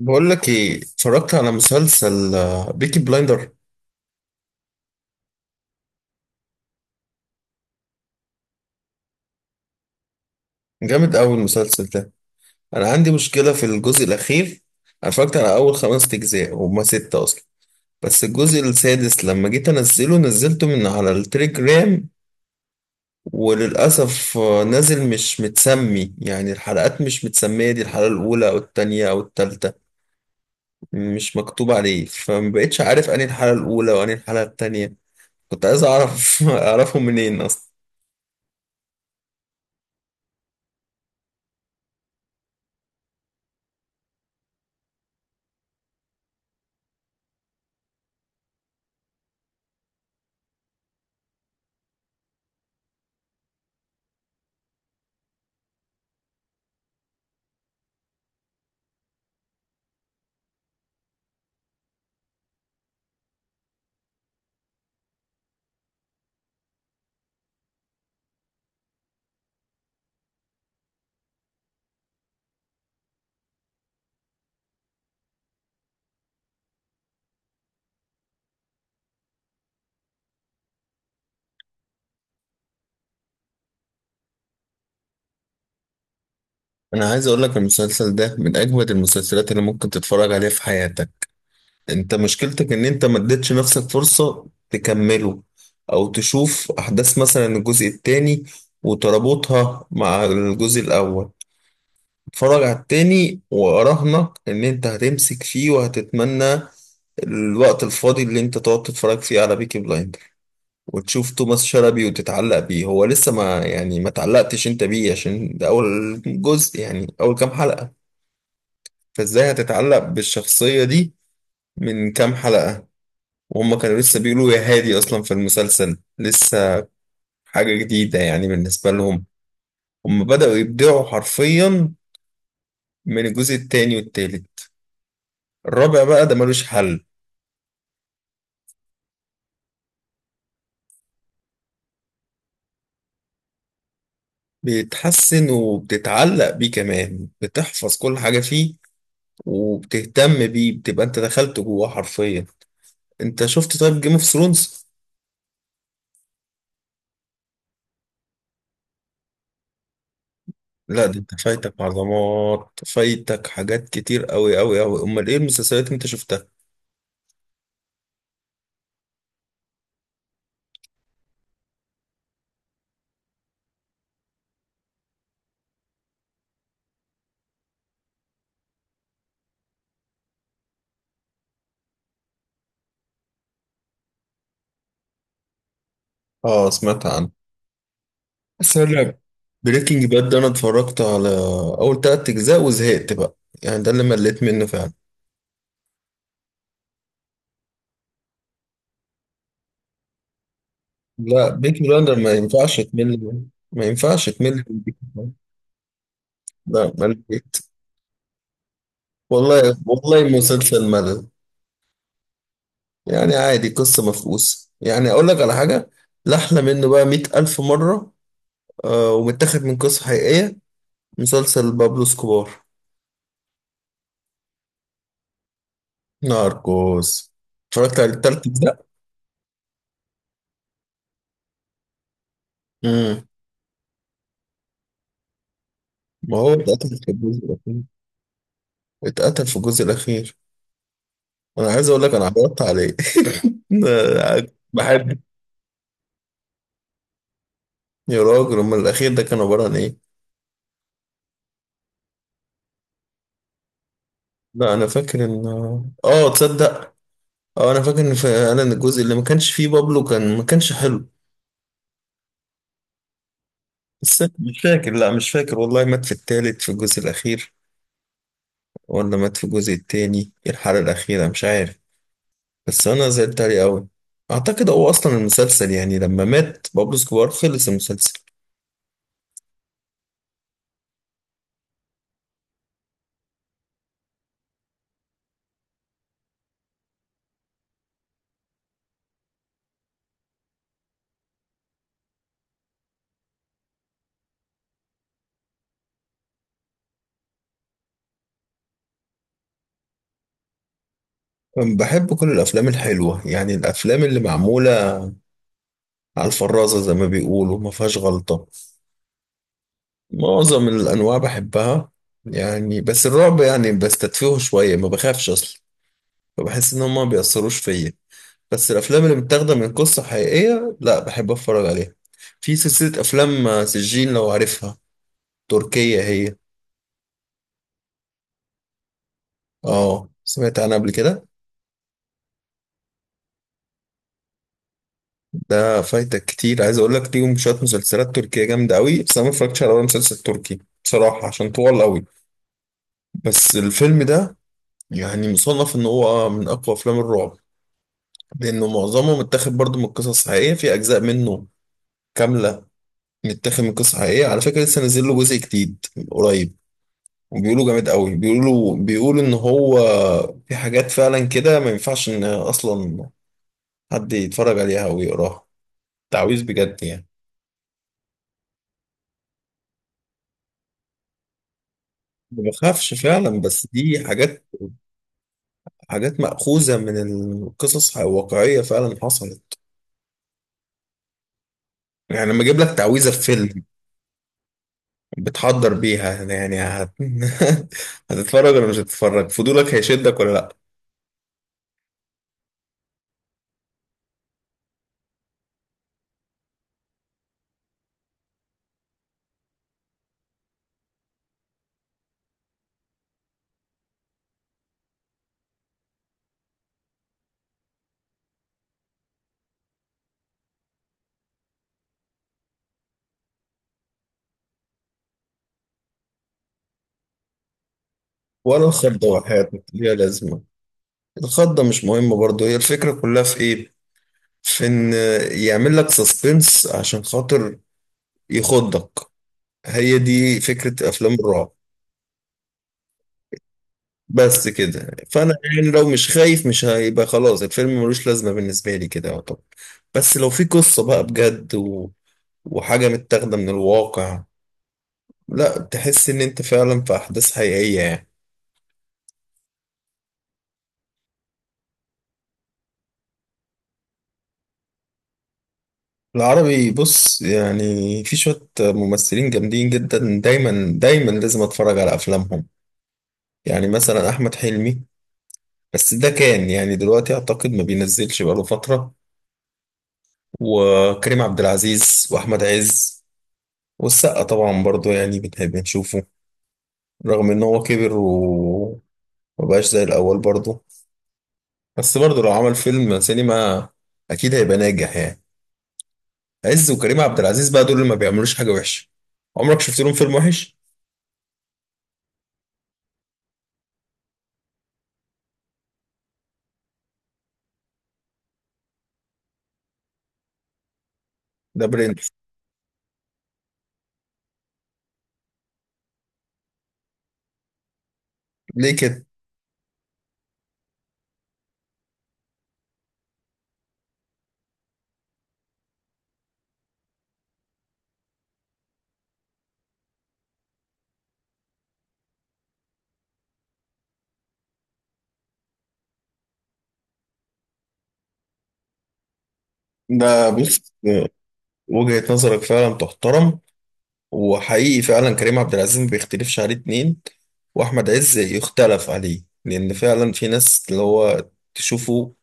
بقول لك ايه، اتفرجت على مسلسل بيكي بلايندر. جامد قوي المسلسل ده. انا عندي مشكله في الجزء الاخير. انا اتفرجت على اول 5 اجزاء، هما ستة اصلا، بس الجزء السادس لما جيت انزله نزلته من على التليجرام وللاسف نازل مش متسمي، يعني الحلقات مش متسميه دي الحلقه الاولى او التانية او التالتة، مش مكتوب عليه. فمبقتش عارف انهي الحلقه الاولى وانهي الحلقه التانية. كنت عايز اعرف اعرفهم منين اصلا. انا عايز اقول لك المسلسل ده من اجمد المسلسلات اللي ممكن تتفرج عليها في حياتك. انت مشكلتك ان انت ما اديتش نفسك فرصة تكمله، او تشوف احداث مثلا الجزء التاني وتربطها مع الجزء الاول. اتفرج على التاني واراهنك ان انت هتمسك فيه وهتتمنى الوقت الفاضي اللي انت تقعد تتفرج فيه على بيكي بلايندر وتشوف توماس شلبي وتتعلق بيه. هو لسه ما يعني ما تعلقتش انت بيه عشان ده اول جزء، يعني اول كام حلقة، فازاي هتتعلق بالشخصية دي من كام حلقة؟ وهم كانوا لسه بيقولوا يا هادي أصلا في المسلسل، لسه حاجة جديدة يعني بالنسبة لهم. هم بدأوا يبدعوا حرفيا من الجزء التاني والتالت. الرابع بقى ده ملوش حل. بيتحسن وبتتعلق بيه كمان، بتحفظ كل حاجة فيه وبتهتم بيه، بتبقى انت دخلت جواه حرفيا. انت شفت طيب جيم اوف ثرونز؟ لا ده انت فايتك عظمات، فايتك حاجات كتير قوي قوي قوي. امال ايه المسلسلات اللي انت شفتها؟ اه، سمعت عنه. بس انا بريكنج باد ده انا اتفرجت على اول 3 اجزاء وزهقت بقى. يعني ده اللي مليت منه فعلا. لا بيكي بلاندر ما ينفعش تمل منه. ما ينفعش تمل من بيكي بلاندر. لا مليت والله والله، مسلسل ملل. يعني عادي، قصة مفقوسة. يعني اقول لك على حاجة لا احلى منه بقى 100,000 مرة. آه، ومتاخد من قصة حقيقية، مسلسل بابلو سكوبار. ناركوس. اتفرجت على الـ3 اجزاء. امم، ما هو اتقتل في الجزء الأخير. اتقتل في الجزء الأخير. أنا عايز أقول لك أنا عرضت عليه ده بحب. يا راجل أمال الأخير ده كان عبارة عن إيه؟ لا أنا فاكر إن، آه تصدق، آه أنا فاكر إن فعلا الجزء اللي ما كانش فيه بابلو كان ما كانش حلو. بس مش فاكر، لا مش فاكر والله، مات في التالت في الجزء الأخير ولا مات في الجزء التاني الحلقة الأخيرة، مش عارف. بس أنا زعلت عليه أوي. أعتقد هو أصلا المسلسل يعني لما مات بابلو سكوار خلص المسلسل. بحب كل الأفلام الحلوة، يعني الأفلام اللي معمولة على الفرازة زي ما بيقولوا، ما فيهاش غلطة. معظم الأنواع بحبها، يعني بس الرعب يعني بستدفيه شوية، ما بخافش أصلا، فبحس إن هما ما بيأثروش فيا. بس الأفلام اللي متاخدة من قصة حقيقية لا بحب أتفرج عليها. في سلسلة أفلام سجين لو عارفها، تركية هي. اه، سمعت عنها قبل كده. ده فايتك كتير. عايز أقول لك ليهم شوية مسلسلات تركية جامدة أوي، بس أنا ما اتفرجتش على ولا مسلسل تركي بصراحة عشان طوال أوي. بس الفيلم ده يعني مصنف ان هو من اقوى افلام الرعب، لانه معظمه متاخد برضه من قصص حقيقيه. في اجزاء منه كامله متاخد من قصص حقيقيه. على فكره لسه نازل له جزء جديد قريب، وبيقولوا جامد قوي. بيقولوا ان هو في حاجات فعلا كده ما ينفعش ان اصلا حد يتفرج عليها او يقراها. تعويذ بجد يعني. ما بخافش فعلا، بس دي حاجات، حاجات مأخوذة من القصص الواقعية فعلا حصلت. يعني لما اجيب لك تعويذة في فيلم بتحضر بيها، يعني هت... هتتفرج ولا مش هتتفرج؟ فضولك هيشدك ولا لا؟ ولا الخضة وحياة ليها لازمة؟ الخضة مش مهمة برضه، هي الفكرة كلها في ايه؟ في ان يعمل لك سسبنس عشان خاطر يخضك. هي دي فكرة افلام الرعب. بس كده، فانا يعني لو مش خايف مش هيبقى، خلاص الفيلم ملوش لازمة بالنسبة لي كده. طب بس لو في قصة بقى بجد و... وحاجة متاخدة من الواقع، لا تحس ان انت فعلا في احداث حقيقية يعني. العربي بص، يعني في شوية ممثلين جامدين جدا دايما دايما لازم اتفرج على افلامهم. يعني مثلا احمد حلمي، بس ده كان يعني دلوقتي اعتقد ما بينزلش بقاله فترة، وكريم عبد العزيز واحمد عز والسقا طبعا برضو يعني بنحب نشوفه رغم ان هو كبر ومبقاش زي الاول برضو. بس برضو لو عمل فيلم سينما اكيد هيبقى ناجح يعني. عز وكريم عبد العزيز بقى دول اللي ما بيعملوش حاجة وحشة. عمرك شفت لهم فيلم وحش؟ ده برنس. ليه كده؟ ده بص، وجهة نظرك فعلا تحترم، وحقيقي فعلا كريم عبد العزيز ما بيختلفش عليه اتنين. واحمد عز يختلف عليه لان فعلا في ناس اللي هو تشوفه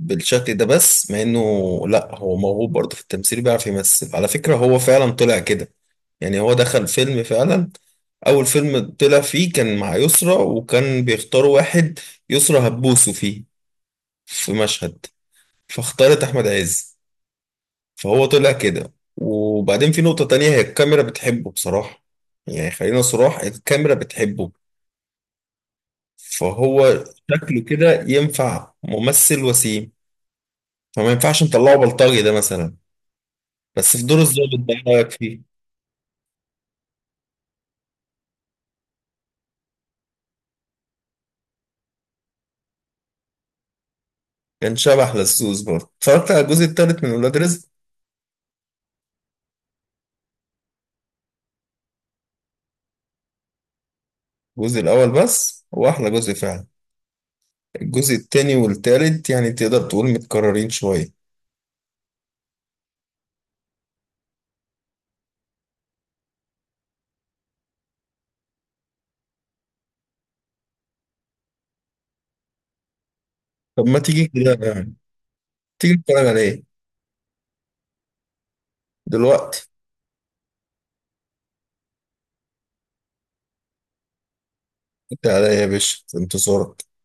بالشكل ده، بس مع انه لا هو موهوب برضه في التمثيل، بيعرف يمثل على فكرة. هو فعلا طلع كده، يعني هو دخل فيلم فعلا اول فيلم طلع فيه كان مع يسرا، وكان بيختاروا واحد يسرا هتبوسه فيه في مشهد، فاختارت احمد عز. فهو طلع كده، وبعدين في نقطة تانية هي الكاميرا بتحبه بصراحة. يعني خلينا صراح الكاميرا بتحبه. فهو شكله كده ينفع ممثل وسيم، فما ينفعش نطلعه بلطجي ده مثلا. بس في دور الظابط ده إيه رأيك فيه؟ كان شبح للسوس برضه. اتفرجت على الجزء التالت من ولاد رزق. الجزء الأول بس هو أحلى جزء فعلا. الجزء التاني والتالت يعني تقدر تقول متكررين شوية. طب ما تيجي كده يعني، تيجي نتفرج على ايه؟ دلوقتي؟ انت عليا يا باشا، في انتظارك.